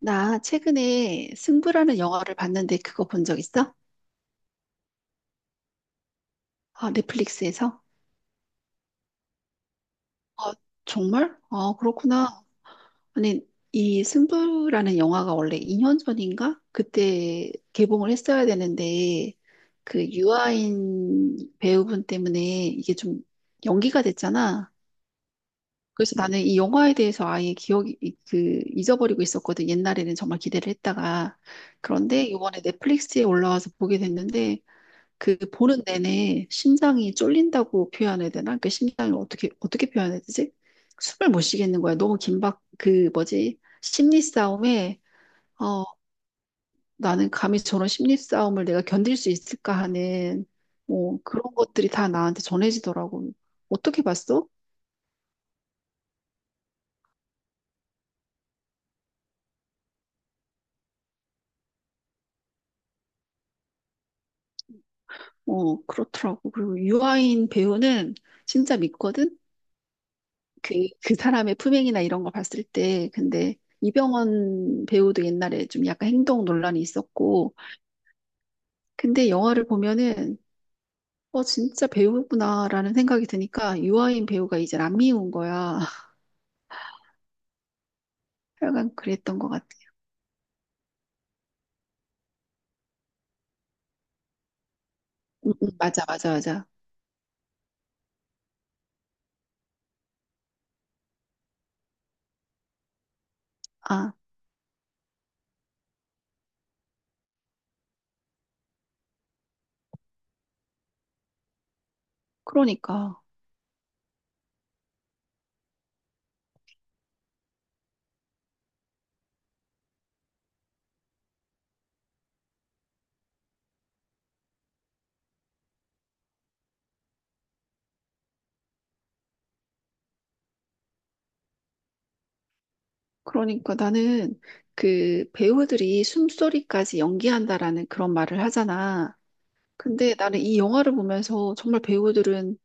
나 최근에 승부라는 영화를 봤는데 그거 본 적 있어? 아, 넷플릭스에서? 아, 정말? 아, 그렇구나. 아니, 이 승부라는 영화가 원래 2년 전인가? 그때 개봉을 했어야 되는데 그 유아인 배우분 때문에 이게 좀 연기가 됐잖아. 그래서 나는 이 영화에 대해서 아예 기억이 그 잊어버리고 있었거든. 옛날에는 정말 기대를 했다가 그런데 이번에 넷플릭스에 올라와서 보게 됐는데 그 보는 내내 심장이 쫄린다고 표현해야 되나? 그 심장을 어떻게 어떻게 표현해야 되지? 숨을 못 쉬겠는 거야. 너무 긴박 그 뭐지? 심리 싸움에. 어 나는 감히 저런 심리 싸움을 내가 견딜 수 있을까 하는 뭐 그런 것들이 다 나한테 전해지더라고. 어떻게 봤어? 어, 그렇더라고. 그리고 유아인 배우는 진짜 믿거든. 그 그 사람의 품행이나 이런 거 봤을 때 근데 이병헌 배우도 옛날에 좀 약간 행동 논란이 있었고 근데 영화를 보면은 진짜 배우구나라는 생각이 드니까 유아인 배우가 이제 안 미운 거야. 약간 그랬던 것 같아. 맞아, 맞아, 맞아. 아, 그러니까. 그러니까 나는 그 배우들이 숨소리까지 연기한다라는 그런 말을 하잖아. 근데 나는 이 영화를 보면서 정말 배우들은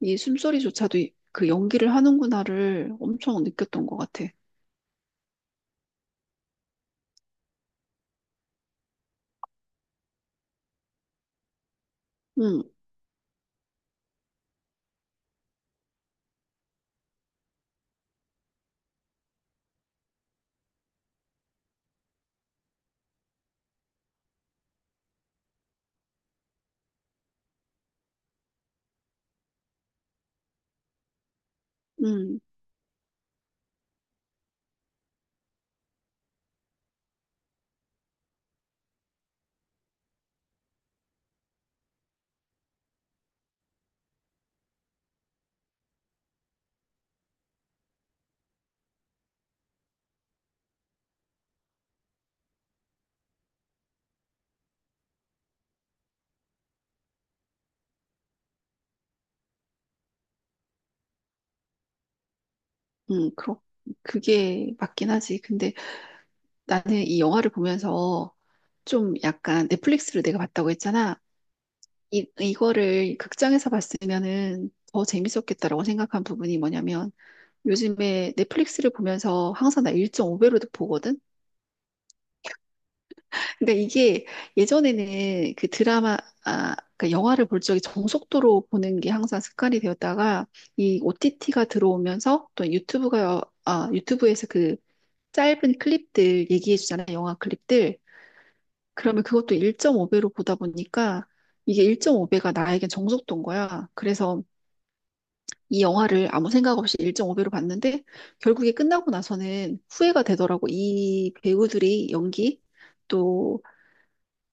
이 숨소리조차도 그 연기를 하는구나를 엄청 느꼈던 것 같아. 응, 응, 응, 그게 맞긴 하지. 근데 나는 이 영화를 보면서 좀 약간 넷플릭스를 내가 봤다고 했잖아. 이거를 극장에서 봤으면은 더 재밌었겠다라고 생각한 부분이 뭐냐면 요즘에 넷플릭스를 보면서 항상 나 1.5배로도 보거든? 그러니까 이게 예전에는 그 드라마, 아, 그러니까 영화를 볼 적에 정속도로 보는 게 항상 습관이 되었다가 이 OTT가 들어오면서 또 유튜브가, 아, 유튜브에서 그 짧은 클립들 얘기해 주잖아, 영화 클립들. 그러면 그것도 1.5배로 보다 보니까 이게 1.5배가 나에겐 정속도인 거야. 그래서 이 영화를 아무 생각 없이 1.5배로 봤는데 결국에 끝나고 나서는 후회가 되더라고. 이 배우들이 연기 또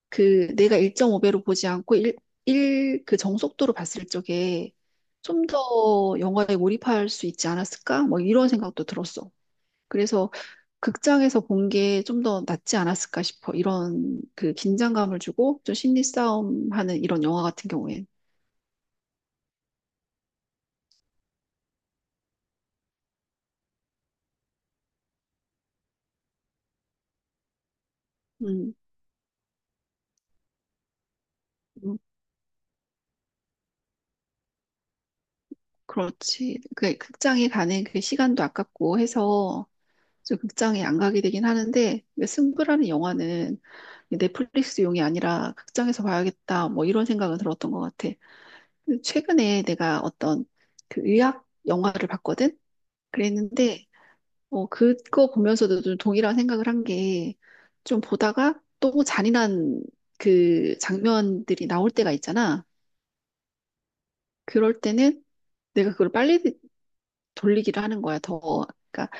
그 내가 1.5배로 보지 않고 1, 1, 그 정속도로 봤을 적에 좀 더 영화에 몰입할 수 있지 않았을까? 뭐 이런 생각도 들었어. 그래서 극장에서 본 게 좀 더 낫지 않았을까 싶어. 이런 그 긴장감을 주고 좀 심리 싸움하는 이런 영화 같은 경우엔. 음, 음, 그렇지. 그 극장에 가는 그 시간도 아깝고 해서 좀 극장에 안 가게 되긴 하는데 근데 승부라는 영화는 넷플릭스용이 아니라 극장에서 봐야겠다 뭐 이런 생각은 들었던 것 같아. 근데 최근에 내가 어떤 그 의학 영화를 봤거든. 그랬는데 그거 보면서도 좀 동일한 생각을 한 게, 좀 보다가 또 잔인한 그 장면들이 나올 때가 있잖아. 그럴 때는 내가 그걸 빨리 돌리기를 하는 거야, 더. 그러니까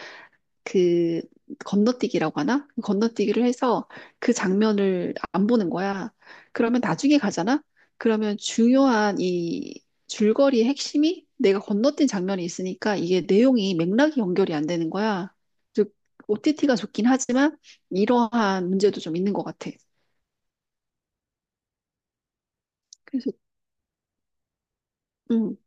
그 건너뛰기라고 하나? 그 건너뛰기를 해서 그 장면을 안 보는 거야. 그러면 나중에 가잖아? 그러면 중요한 이 줄거리의 핵심이 내가 건너뛴 장면이 있으니까 이게 내용이 맥락이 연결이 안 되는 거야. 즉, OTT가 좋긴 하지만 이러한 문제도 좀 있는 것 같아. 그래서, 음,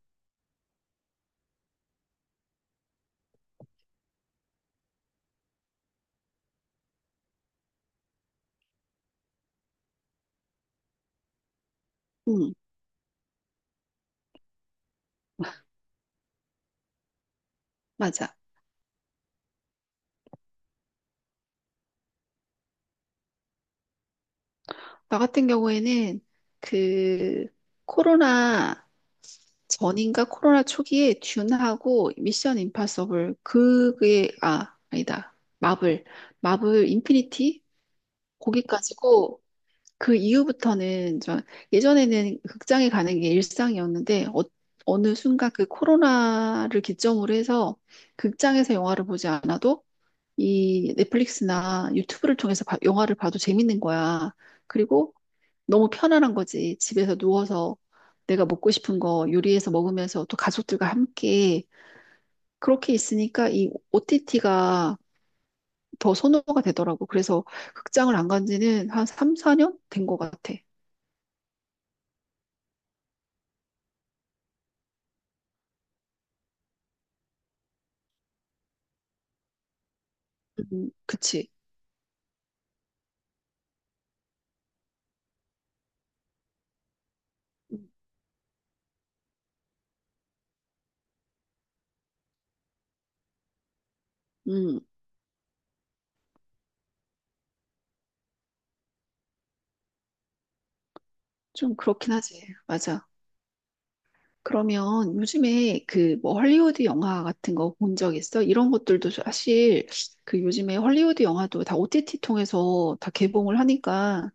음, 맞아. 나 같은 경우에는 그 코로나 전인가 코로나 초기에 듄하고 미션 임파서블 그게 아, 아니다, 마블 인피니티 거기까지고 그 이후부터는 저 예전에는 극장에 가는 게 일상이었는데 어느 순간 그 코로나를 기점으로 해서 극장에서 영화를 보지 않아도 이 넷플릭스나 유튜브를 통해서 영화를 봐도 재밌는 거야. 그리고 너무 편안한 거지. 집에서 누워서 내가 먹고 싶은 거 요리해서 먹으면서 또 가족들과 함께 그렇게 있으니까 이 OTT가 더 선호가 되더라고. 그래서 극장을 안 간 지는 한 3, 4년 된 것 같아. 그치. 음, 좀 그렇긴 하지. 맞아. 그러면 요즘에 그 뭐 헐리우드 영화 같은 거 본 적 있어? 이런 것들도 사실 그 요즘에 헐리우드 영화도 다 OTT 통해서 다 개봉을 하니까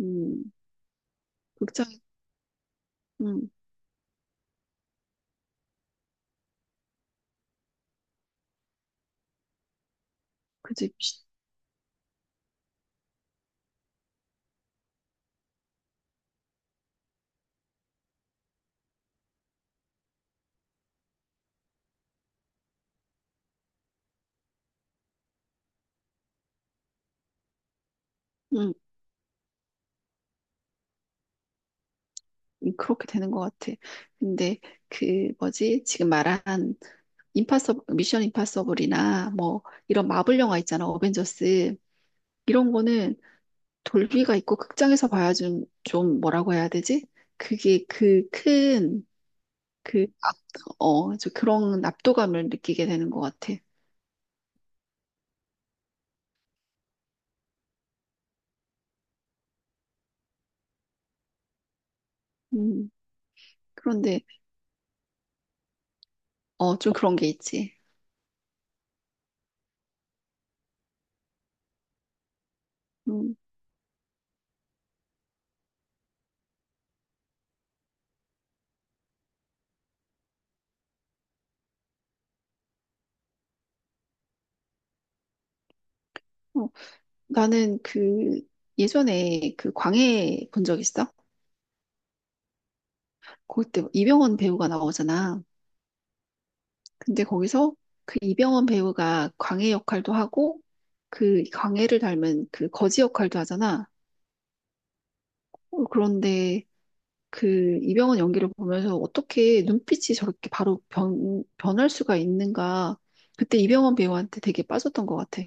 음, 극장, 음. 그지? 응, 응, 그렇게 되는 것 같아. 근데 그 뭐지? 지금 말한 임파서 미션 임파서블이나 뭐 이런 마블 영화 있잖아. 어벤져스 이런 거는 돌비가 있고 극장에서 봐야 좀 뭐라고 해야 되지? 그게 그 큰 그 압, 어, 저 그런 압도감을 느끼게 되는 것 같아. 음, 그런데 좀 그런 게 있지. 음, 어, 나는 그 예전에 그 광해 본 적 있어? 그때 이병헌 배우가 나오잖아. 근데 거기서 그 이병헌 배우가 광해 역할도 하고 그 광해를 닮은 그 거지 역할도 하잖아. 그런데 그 이병헌 연기를 보면서 어떻게 눈빛이 저렇게 바로 변할 수가 있는가. 그때 이병헌 배우한테 되게 빠졌던 것 같아.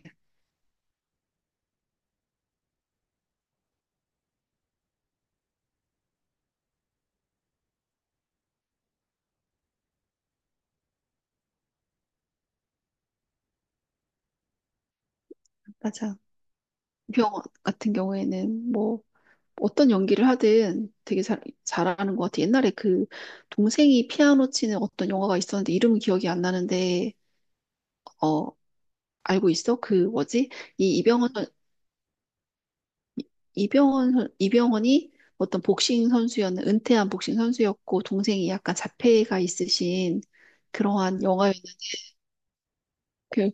맞아. 이병헌 같은 경우에는 뭐 어떤 연기를 하든 되게 잘하는 것 같아. 옛날에 그 동생이 피아노 치는 어떤 영화가 있었는데 이름은 기억이 안 나는데 어, 알고 있어? 그 뭐지? 이 이병헌 선- 이- 병헌 선- 이병헌이 어떤 복싱 선수였는 은퇴한 복싱 선수였고 동생이 약간 자폐가 있으신 그러한 영화였는데 그-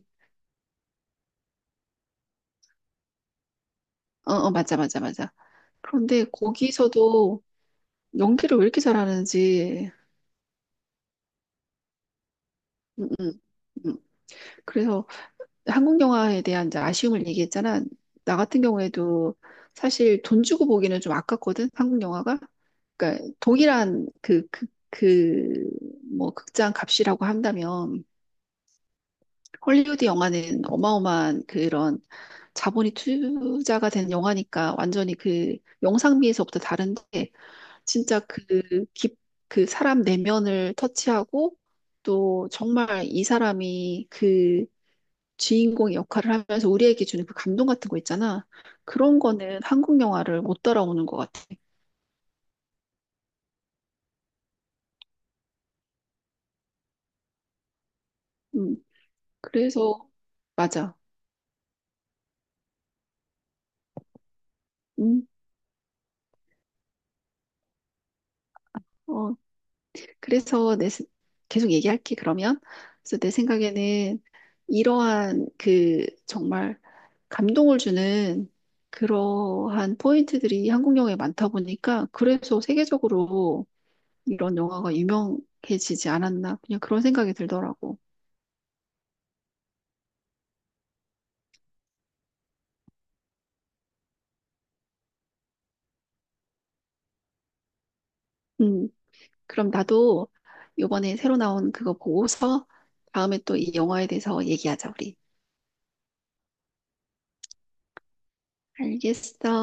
어, 어, 맞아, 맞아, 맞아. 그런데 거기서도 연기를 왜 이렇게 잘하는지. 음, 음, 음. 그래서 한국 영화에 대한 이제 아쉬움을 얘기했잖아. 나 같은 경우에도 사실 돈 주고 보기는 좀 아깝거든, 한국 영화가. 그러니까 동일한 그, 뭐, 극장 값이라고 한다면. 헐리우드 영화는 어마어마한 그런 자본이 투자가 된 영화니까 완전히 그 영상미에서부터 다른데 진짜 그 사람 내면을 터치하고 또 정말 이 사람이 그 주인공의 역할을 하면서 우리에게 주는 그 감동 같은 거 있잖아. 그런 거는 한국 영화를 못 따라오는 것 같아. 음, 그래서, 맞아. 음, 어, 그래서 계속 얘기할게, 그러면. 그래서 내 생각에는 이러한 그 정말 감동을 주는 그러한 포인트들이 한국 영화에 많다 보니까 그래서 세계적으로 이런 영화가 유명해지지 않았나. 그냥 그런 생각이 들더라고. 음, 그럼 나도 요번에 새로 나온 그거 보고서 다음에 또 이 영화에 대해서 얘기하자, 우리. 알겠어.